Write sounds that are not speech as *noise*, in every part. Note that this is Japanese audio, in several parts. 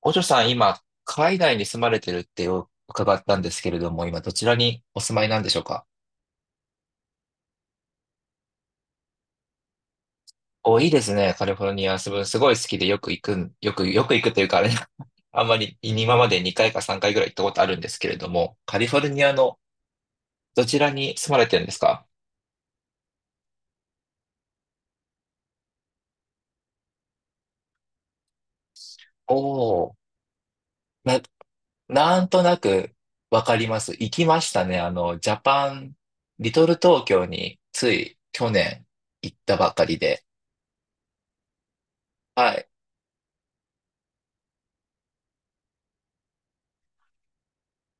お嬢さん、今、海外に住まれてるって伺ったんですけれども、今、どちらにお住まいなんでしょうか？お、いいですね。カリフォルニア、すごい好きでよく行くというか、あれ、*laughs* あんまり今まで2回か3回ぐらい行ったことあるんですけれども、カリフォルニアのどちらに住まれてるんですか？おおー、なんとなくわかります。行きましたね。あの、ジャパン、リトル東京につい去年行ったばかりで、はい。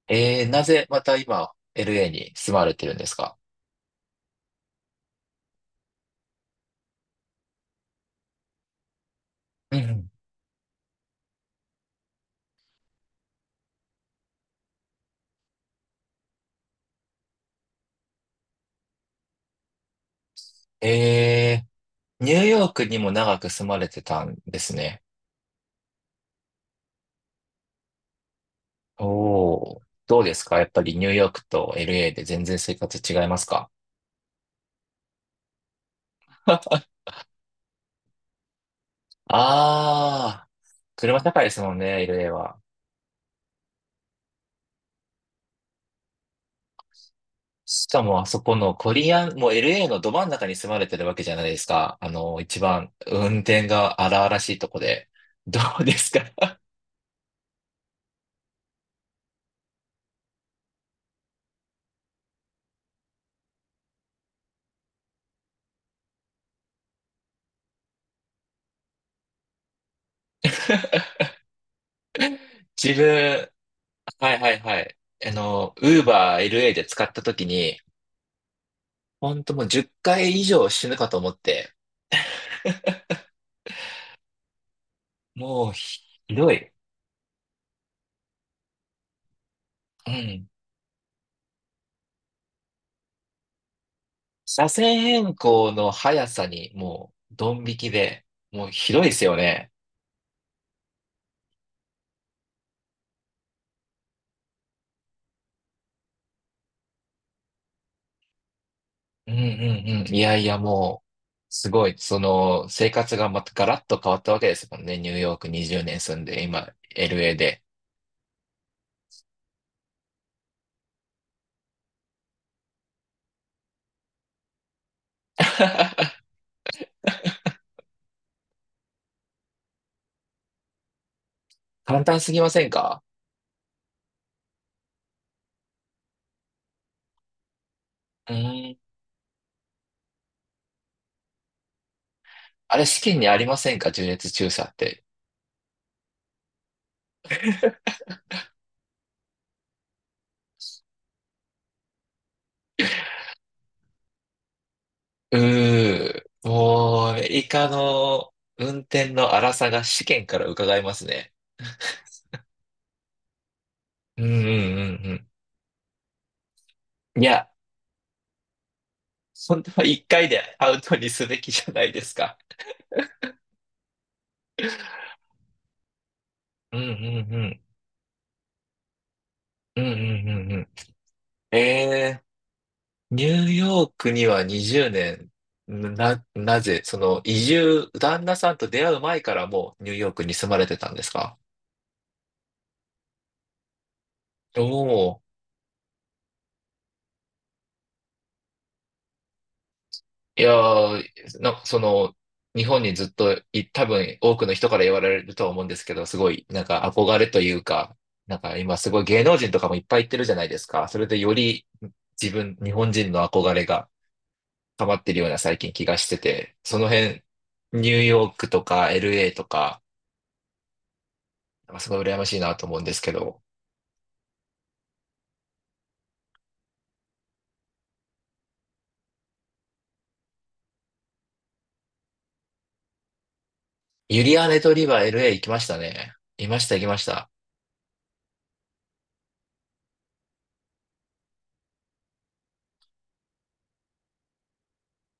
なぜまた今 LA に住まれてるんですか？うんうん。えニューヨークにも長く住まれてたんですね。おー、どうですか、やっぱりニューヨークと LA で全然生活違いますか？あー、車社会ですもんね、LA は。しかもあそこのコリアン、もう LA のど真ん中に住まれてるわけじゃないですか。あの、一番運転が荒々しいとこで。どうですか？ *laughs* 自分、はいはいはい。あの、ウーバー LA で使った時に、ほんともう10回以上死ぬかと思って、もうひどい。うん。車線変更の速さにもうドン引きで、もうひどいですよね。うんうんうん。いやいやもう、すごい、その、生活がまたガラッと変わったわけですもんね。ニューヨーク20年住んで、今、LA で。*laughs* 簡単すぎませんか？うん。あれ、試験にありませんか、縦列駐車って？うー、もう、アメリカの運転の荒さが試験から伺えますね。うんうんうんうん。いや、本当は1回でアウトにすべきじゃないですか。うんうんうん。うんうんうんうん。えニューヨークには20年、なぜ、その移住、旦那さんと出会う前からもうニューヨークに住まれてたんですか？おおー。いやー、なんかその、日本にずっとい、多分多くの人から言われるとは思うんですけど、すごい、なんか憧れというか、なんか今すごい芸能人とかもいっぱい行ってるじゃないですか。それでより自分、日本人の憧れが溜まってるような最近気がしてて、その辺、ニューヨークとか LA とか、なんかすごい羨ましいなと思うんですけど、ユリアネとリバ LA 行きましたね。いました、行きました。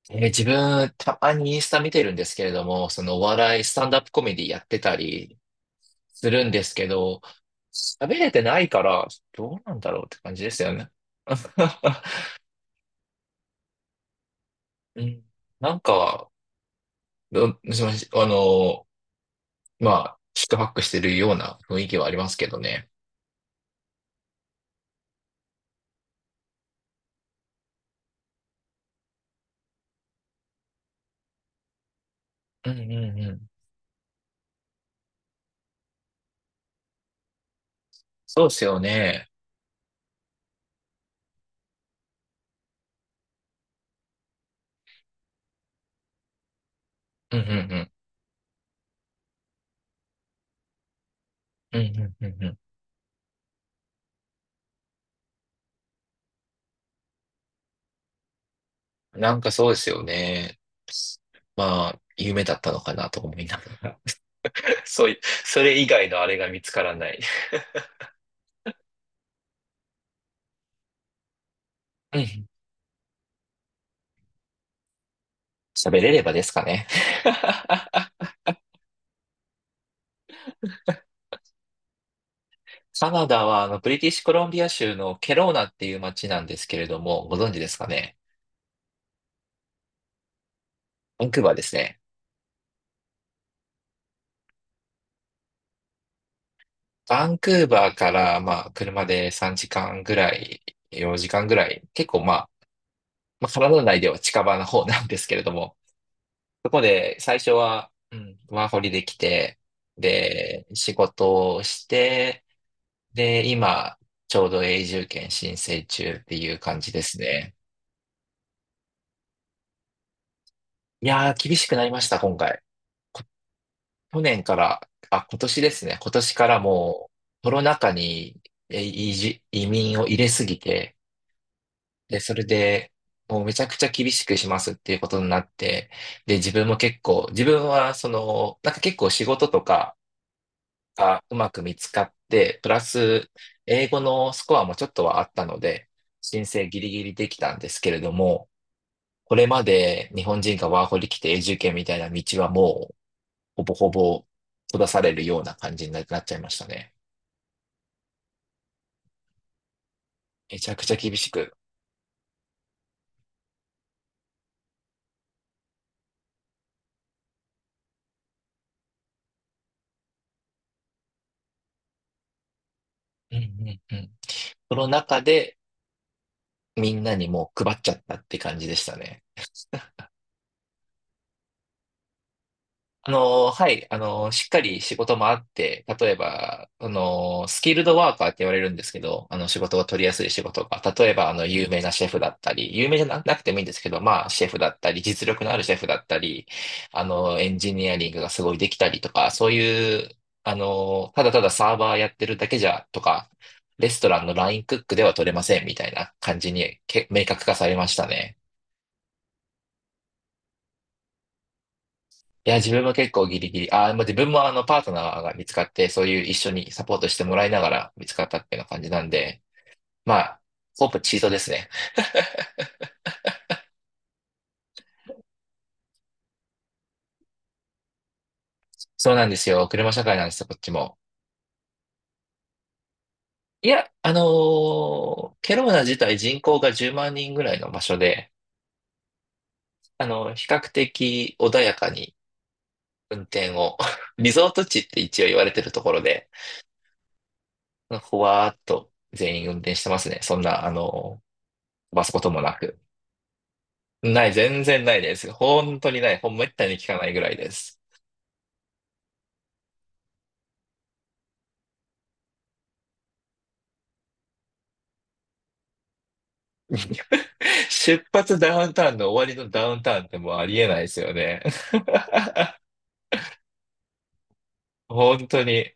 自分、たまにインスタ見てるんですけれども、そのお笑い、スタンダップコメディやってたりするんですけど、喋れてないから、どうなんだろうって感じですよね。*laughs* うん、なんか、すみません、あの、まあ、四苦八苦してるような雰囲気はありますけどね。うんうんうん。そうですよね。うんうんうん。うんうんうんうん。なんかそうですよね。まあ、夢だったのかなと思いながら。*laughs* そういそれ以外のあれが見つからない。うん。喋れればですかね。*laughs* カナダは、あの、ブリティッシュコロンビア州のケローナっていう街なんですけれども、ご存知ですかね。バンクーバーですね。バンクーバーから、まあ、車で3時間ぐらい、4時間ぐらい、結構まあ、カナダ内では近場の方なんですけれども、そこで最初は、うん、ワーホリできて、で、仕事をして、で、今、ちょうど永住権申請中っていう感じですね。いやー、厳しくなりました、今回。去年から、あ、今年ですね。今年からもうコロナ禍にえ移住、移民を入れすぎて、で、それでもうめちゃくちゃ厳しくしますっていうことになって、で、自分も結構、自分はその、なんか結構仕事とかがうまく見つかって、プラス英語のスコアもちょっとはあったので、申請ギリギリできたんですけれども、これまで日本人がワーホリ来て永住権みたいな道はほぼほぼ閉ざされるような感じになっちゃいましたね。めちゃくちゃ厳しく。うんうんうん。その中でみんなにもう配っちゃったって感じでしたね。あのー、はい、あのー、しっかり仕事もあって、例えば、あのー、スキルドワーカーって言われるんですけど、あの、仕事が取りやすい仕事が、例えば、あの、有名なシェフだったり、有名じゃななくてもいいんですけど、まあ、シェフだったり、実力のあるシェフだったり、あの、エンジニアリングがすごいできたりとか、そういう、あのー、ただただサーバーやってるだけじゃ、とか、レストランのラインクックでは取れませんみたいな感じに明確化されましたね。いや、自分も結構ギリギリ。あー、もう自分もあの、パートナーが見つかって、そういう一緒にサポートしてもらいながら見つかったっていうような感じなんで、まあ、ほぼチートですね。そうなんですよ。車社会なんですよ、こっちも。いや、あのーケローナ自体人口が10万人ぐらいの場所で、あの、比較的穏やかに運転を、*laughs* リゾート地って一応言われてるところで、ほわーっと全員運転してますね。そんな、あのー、バスこともなく。ない、全然ないです。本当にない。ほんまったに聞かないぐらいです。*laughs* 出発ダウンタウンの終わりのダウンタウンってもうありえないですよね。*laughs* 本当に。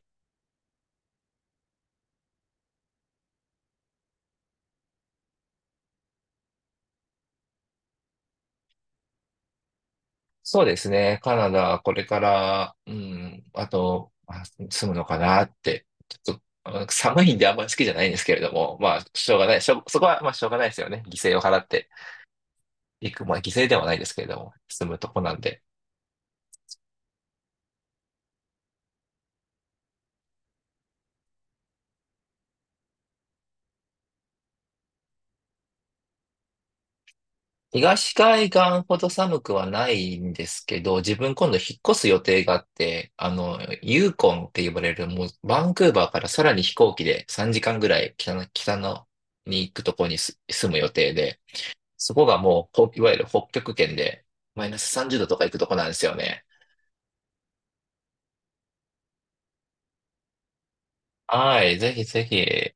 そうですね。カナダ、これから、うん、あと、まあ住むのかなって。ちょっと、寒いんであんまり好きじゃないんですけれども、まあ、しょうがない。そこは、まあ、しょうがないですよね。犠牲を払っていく。まあ、犠牲ではないですけれども、住むとこなんで。東海岸ほど寒くはないんですけど、自分今度引っ越す予定があって、あの、ユーコンって呼ばれる、もうバンクーバーからさらに飛行機で3時間ぐらい北の、に行くとこに住む予定で、そこがもう、いわゆる北極圏で、マイナス30度とか行くとこなんですよね。はい、ぜひぜひ。